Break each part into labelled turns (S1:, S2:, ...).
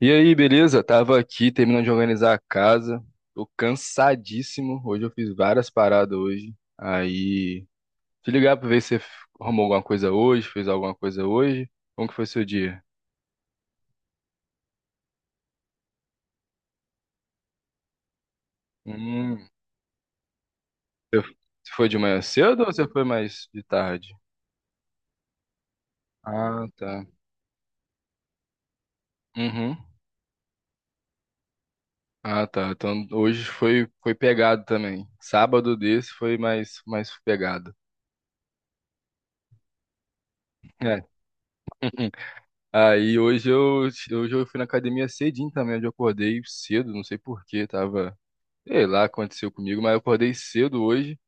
S1: E aí, beleza? Tava aqui terminando de organizar a casa. Tô cansadíssimo. Hoje eu fiz várias paradas hoje. Aí, te ligar pra ver se você arrumou alguma coisa hoje, fez alguma coisa hoje. Como que foi seu dia? Hum, você você foi de manhã cedo ou você foi mais de tarde? Ah, tá. Uhum. Ah, tá. Então hoje foi pegado também. Sábado desse foi mais pegado. É. Aí hoje eu fui na academia cedinho também, onde eu acordei cedo, não sei por quê, tava, sei lá, aconteceu comigo, mas eu acordei cedo hoje,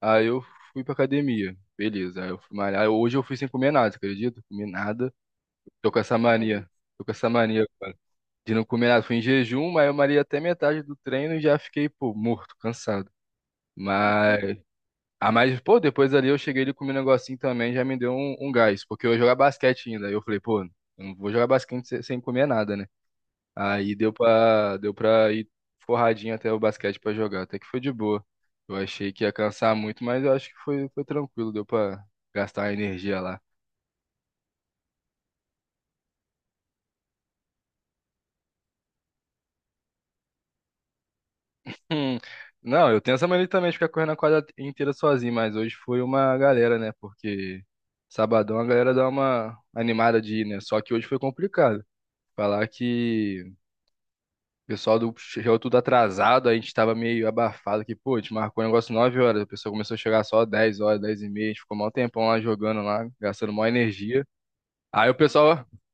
S1: aí eu fui pra academia, beleza, aí eu fui malhar, hoje eu fui sem comer nada, você acredita? Comi nada, tô com essa mania, tô com essa mania, cara, de não comer nada, fui em jejum, mas eu malhei até metade do treino e já fiquei, pô, morto, cansado, mas, mas, pô, depois ali eu cheguei ali comi um negocinho também, já me deu um gás, porque eu ia jogar basquete ainda, aí eu falei, pô, eu não vou jogar basquete sem comer nada, né? Aí deu pra ir forradinho até o basquete pra jogar. Até que foi de boa. Eu achei que ia cansar muito, mas eu acho que foi tranquilo. Deu pra gastar a energia lá. Hum, Não, eu tenho essa mania também de ficar correndo a quadra inteira sozinho, mas hoje foi uma galera, né? Porque sabadão a galera dá uma animada de ir, né? Só que hoje foi complicado. Falar que o pessoal do chegou tudo atrasado, a gente tava meio abafado que, pô, a gente marcou um negócio 9 horas, o pessoal começou a chegar só 10 horas, 10h30, a gente ficou mó tempão lá jogando lá, gastando mó energia. Aí o pessoal,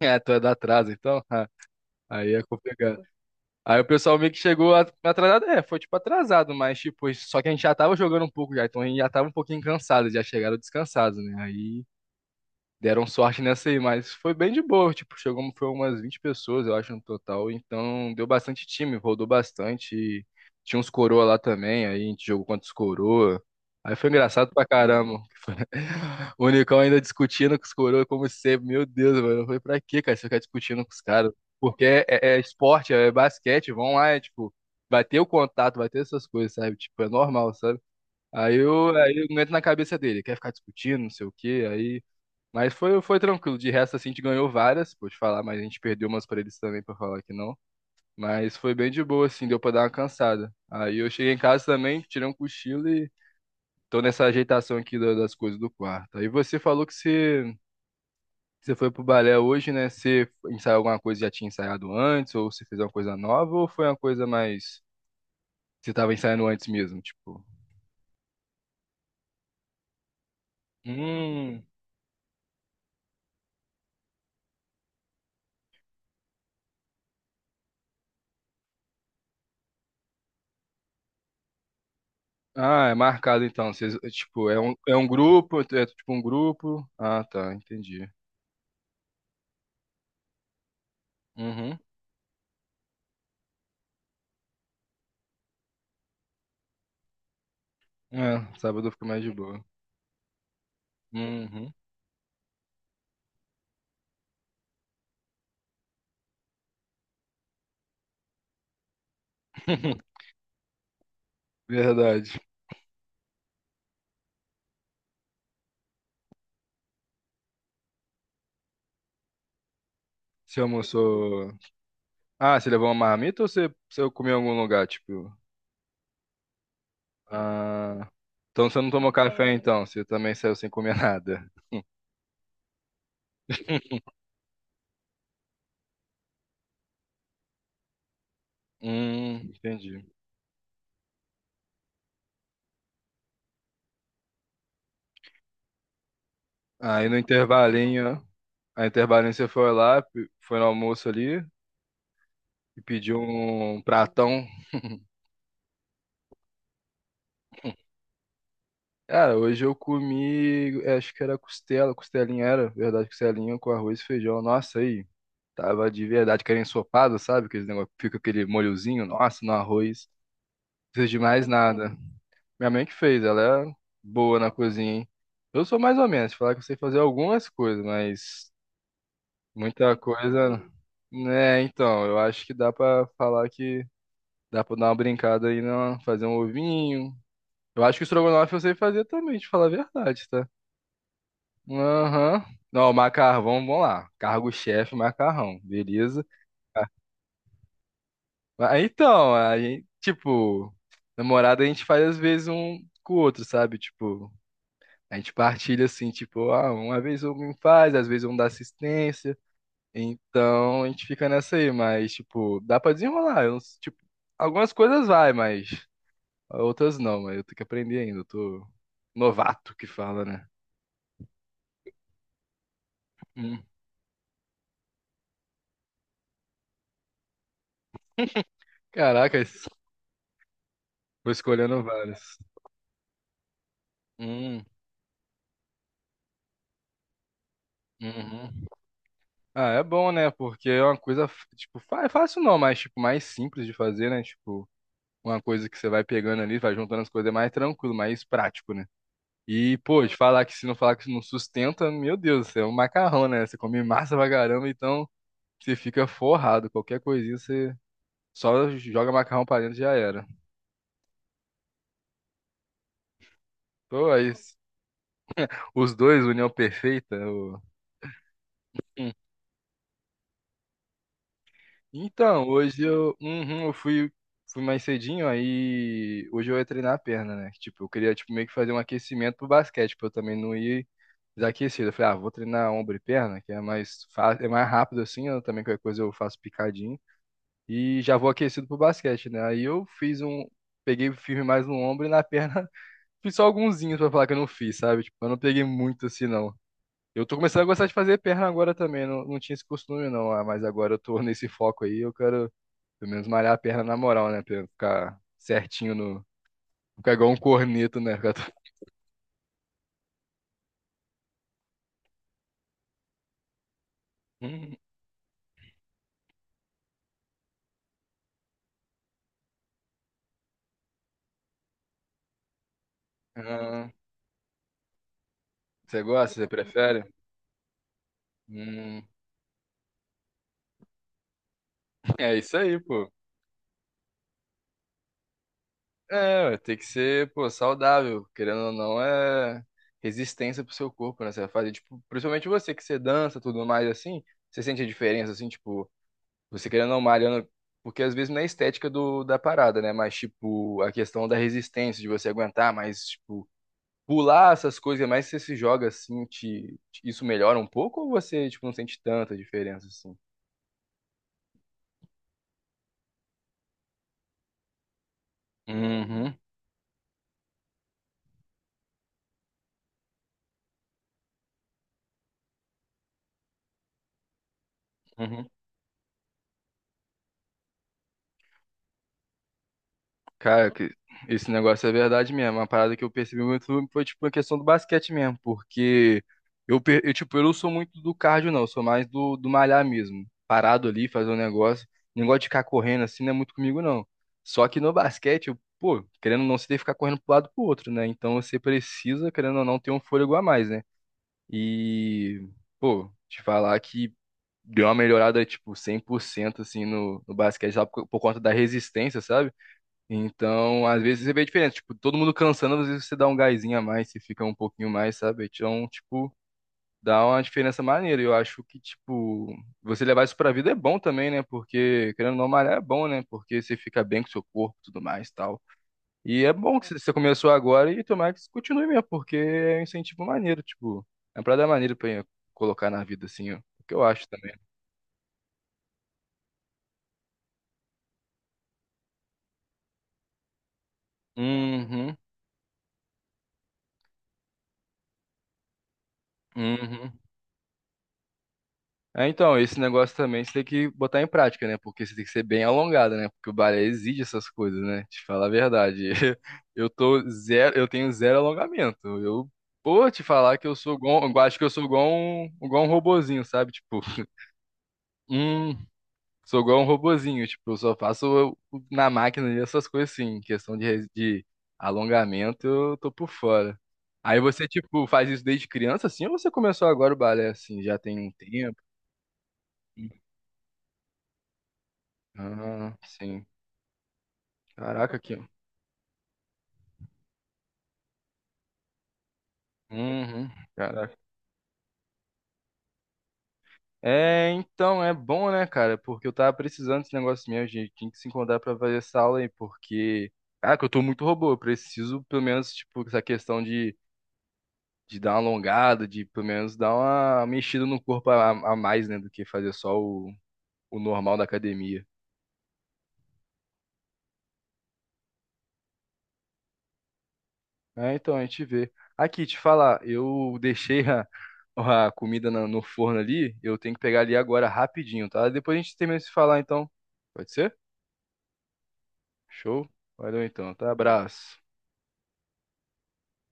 S1: é, tu é da atraso, então? Ah, aí é complicado. Aí o pessoal meio que chegou atrasado, é, foi tipo atrasado, mas tipo, só que a gente já tava jogando um pouco já, então a gente já tava um pouquinho cansado, já chegaram descansados, né? Aí deram sorte nessa aí, mas foi bem de boa, tipo, chegou, foi umas 20 pessoas, eu acho, no total, então deu bastante time, rodou bastante, e tinha uns coroa lá também, aí a gente jogou contra os coroa, aí foi engraçado pra caramba, o Unicão ainda discutindo com os coroa como sempre, meu Deus, mano, foi pra quê, cara, você ficar discutindo com os caras, porque é, é esporte, é basquete, vão lá, é tipo, vai ter o contato, vai ter essas coisas, sabe, tipo, é normal, sabe, Aí eu não entro na cabeça dele, quer ficar discutindo, não sei o quê, aí mas foi tranquilo. De resto, assim, a gente ganhou várias, pode falar, mas a gente perdeu umas pra eles também, pra falar que não. Mas foi bem de boa, assim, deu pra dar uma cansada. Aí eu cheguei em casa também, tirei um cochilo e tô nessa ajeitação aqui das coisas do quarto. Aí você falou que você, você foi pro balé hoje, né? Você ensaiou alguma coisa que já tinha ensaiado antes, ou você fez uma coisa nova, ou foi uma coisa mais. Você tava ensaiando antes mesmo, tipo. Hum. Ah, é marcado então. Vocês, tipo, é um grupo, é tipo um grupo. Ah, tá, entendi. Uhum. É, sábado fica mais de boa. Uhum. Verdade. Você almoçou. Ah, você levou uma marmita ou você, você comeu em algum lugar? Tipo. Ah. Então você não tomou café então, você também saiu sem comer nada. Entendi. Aí no intervalinho, a intervalinho você foi lá, foi no almoço ali e pediu um pratão. Cara, hoje eu comi, acho que era costela, costelinha era, verdade, costelinha com arroz e feijão. Nossa, aí. Tava de verdade, aquele ensopado, sabe? Aquele negócio, fica aquele molhozinho, nossa, no arroz. Não precisa de mais nada. Minha mãe que fez, ela é boa na cozinha, hein? Eu sou mais ou menos, falar que eu sei fazer algumas coisas, mas muita coisa. Né, então, eu acho que dá pra falar que dá pra dar uma brincada aí, não, fazer um ovinho. Eu acho que o estrogonofe eu sei fazer também, te falar a verdade, tá? Aham. Não, macarrão, vamos lá. Cargo-chefe, macarrão, beleza? Ah, então, a gente, tipo, namorada a gente faz às vezes um com o outro, sabe? Tipo, a gente partilha assim, tipo, ah, uma vez um me faz, às vezes um dá assistência. Então, a gente fica nessa aí, mas, tipo, dá pra desenrolar. Eu não tipo, algumas coisas vai, mas outras não, mas eu tenho que aprender ainda. Eu tô novato que fala, né? Hum. Caraca, vou escolhendo várias. Hum, uhum. Ah, é bom, né? Porque é uma coisa, tipo, é fácil não, mas, tipo, mais simples de fazer, né? Tipo, uma coisa que você vai pegando ali, vai juntando as coisas, é mais tranquilo, mais prático, né? E, pô, de falar que se não falar que não sustenta, meu Deus, você é um macarrão, né? Você come massa pra caramba, então você fica forrado. Qualquer coisinha você só joga macarrão pra dentro e já era. Pô, aí, os dois, união perfeita, Então, hoje eu, uhum, eu fui mais cedinho, aí hoje eu ia treinar a perna, né? Tipo, eu queria tipo, meio que fazer um aquecimento pro basquete, pra eu também não ir desaquecido. Eu falei, ah, vou treinar ombro e perna, que é mais fácil, é mais rápido assim, eu também qualquer coisa eu faço picadinho. E já vou aquecido pro basquete, né? Aí eu fiz um. Peguei firme mais no ombro e na perna fiz só alguinzinhos pra falar que eu não fiz, sabe? Tipo, eu não peguei muito assim, não. Eu tô começando a gostar de fazer perna agora também, não, não tinha esse costume não, ah, mas agora eu tô nesse foco aí, eu quero pelo menos malhar a perna na moral, né? Pra ficar certinho no. Ficar igual um corneto, né? Ficar todo- Hum, ah, você gosta? Você prefere? Hum, é isso aí, pô. É, ué, tem que ser, pô, saudável. Querendo ou não, é resistência pro seu corpo, né? Você vai fazer, tipo, principalmente você que você dança, tudo mais assim. Você sente a diferença, assim, tipo, você querendo ou não malhando. Porque às vezes não é a estética do, da parada, né? Mas, tipo, a questão da resistência, de você aguentar mais, tipo, pular essas coisas, mas você se joga assim, isso melhora um pouco ou você, tipo, não sente tanta diferença assim? Uhum, uhum. Cara, esse negócio é verdade mesmo. Uma parada que eu percebi muito foi, tipo, a questão do basquete mesmo, porque eu, tipo, eu não sou muito do cardio, não, eu sou mais do malhar mesmo. Parado ali, fazer um negócio. Negócio de ficar correndo assim não é muito comigo, não. Só que no basquete, eu, pô, querendo ou não, você tem que ficar correndo pro lado e pro outro, né? Então você precisa, querendo ou não, ter um fôlego a mais, né? E, pô, te falar que deu uma melhorada, tipo, 100% assim no basquete, sabe? Por conta da resistência, sabe? Então, às vezes você vê a diferença, tipo, todo mundo cansando, às vezes você dá um gásinho a mais, você fica um pouquinho mais, sabe? Então, tipo, dá uma diferença maneira. Eu acho que, tipo, você levar isso pra vida é bom também, né? Porque, querendo ou não, malhar é bom, né? Porque você fica bem com o seu corpo e tudo mais, e tal. E é bom que você começou agora e tomara que isso continue mesmo, porque é um incentivo maneiro, tipo, é uma parada maneira pra colocar na vida, assim, ó, é o que eu acho também. Uhum, uhum. É, então, esse negócio também você tem que botar em prática, né? Porque você tem que ser bem alongado, né? Porque o balé exige essas coisas, né? Te falar a verdade. Eu tô zero, eu tenho zero alongamento. Eu, pô, te falar que eu sou igual, eu acho que eu sou igual um robozinho, sabe? Tipo, sou igual um robozinho, tipo, eu só faço na máquina ali essas coisas assim, questão de alongamento, eu tô por fora. Aí você, tipo, faz isso desde criança, assim, ou você começou agora o balé, assim, já tem um tempo? Ah, sim. Caraca, aqui, ó. Uhum, caraca. É, então, é bom, né, cara? Porque eu tava precisando desse negócio mesmo, gente. Tinha que se encontrar pra fazer essa aula aí, porque... Caraca, eu tô muito robô. Eu preciso, pelo menos, tipo, essa questão de dar uma alongada, de pelo menos dar uma mexida no corpo a mais, né, do que fazer só o normal da academia. É, então, a gente vê. Aqui, te falar, eu deixei a comida no forno ali, eu tenho que pegar ali agora rapidinho, tá? Depois a gente termina de se falar, então. Pode ser? Show? Valeu então, tá? Abraço.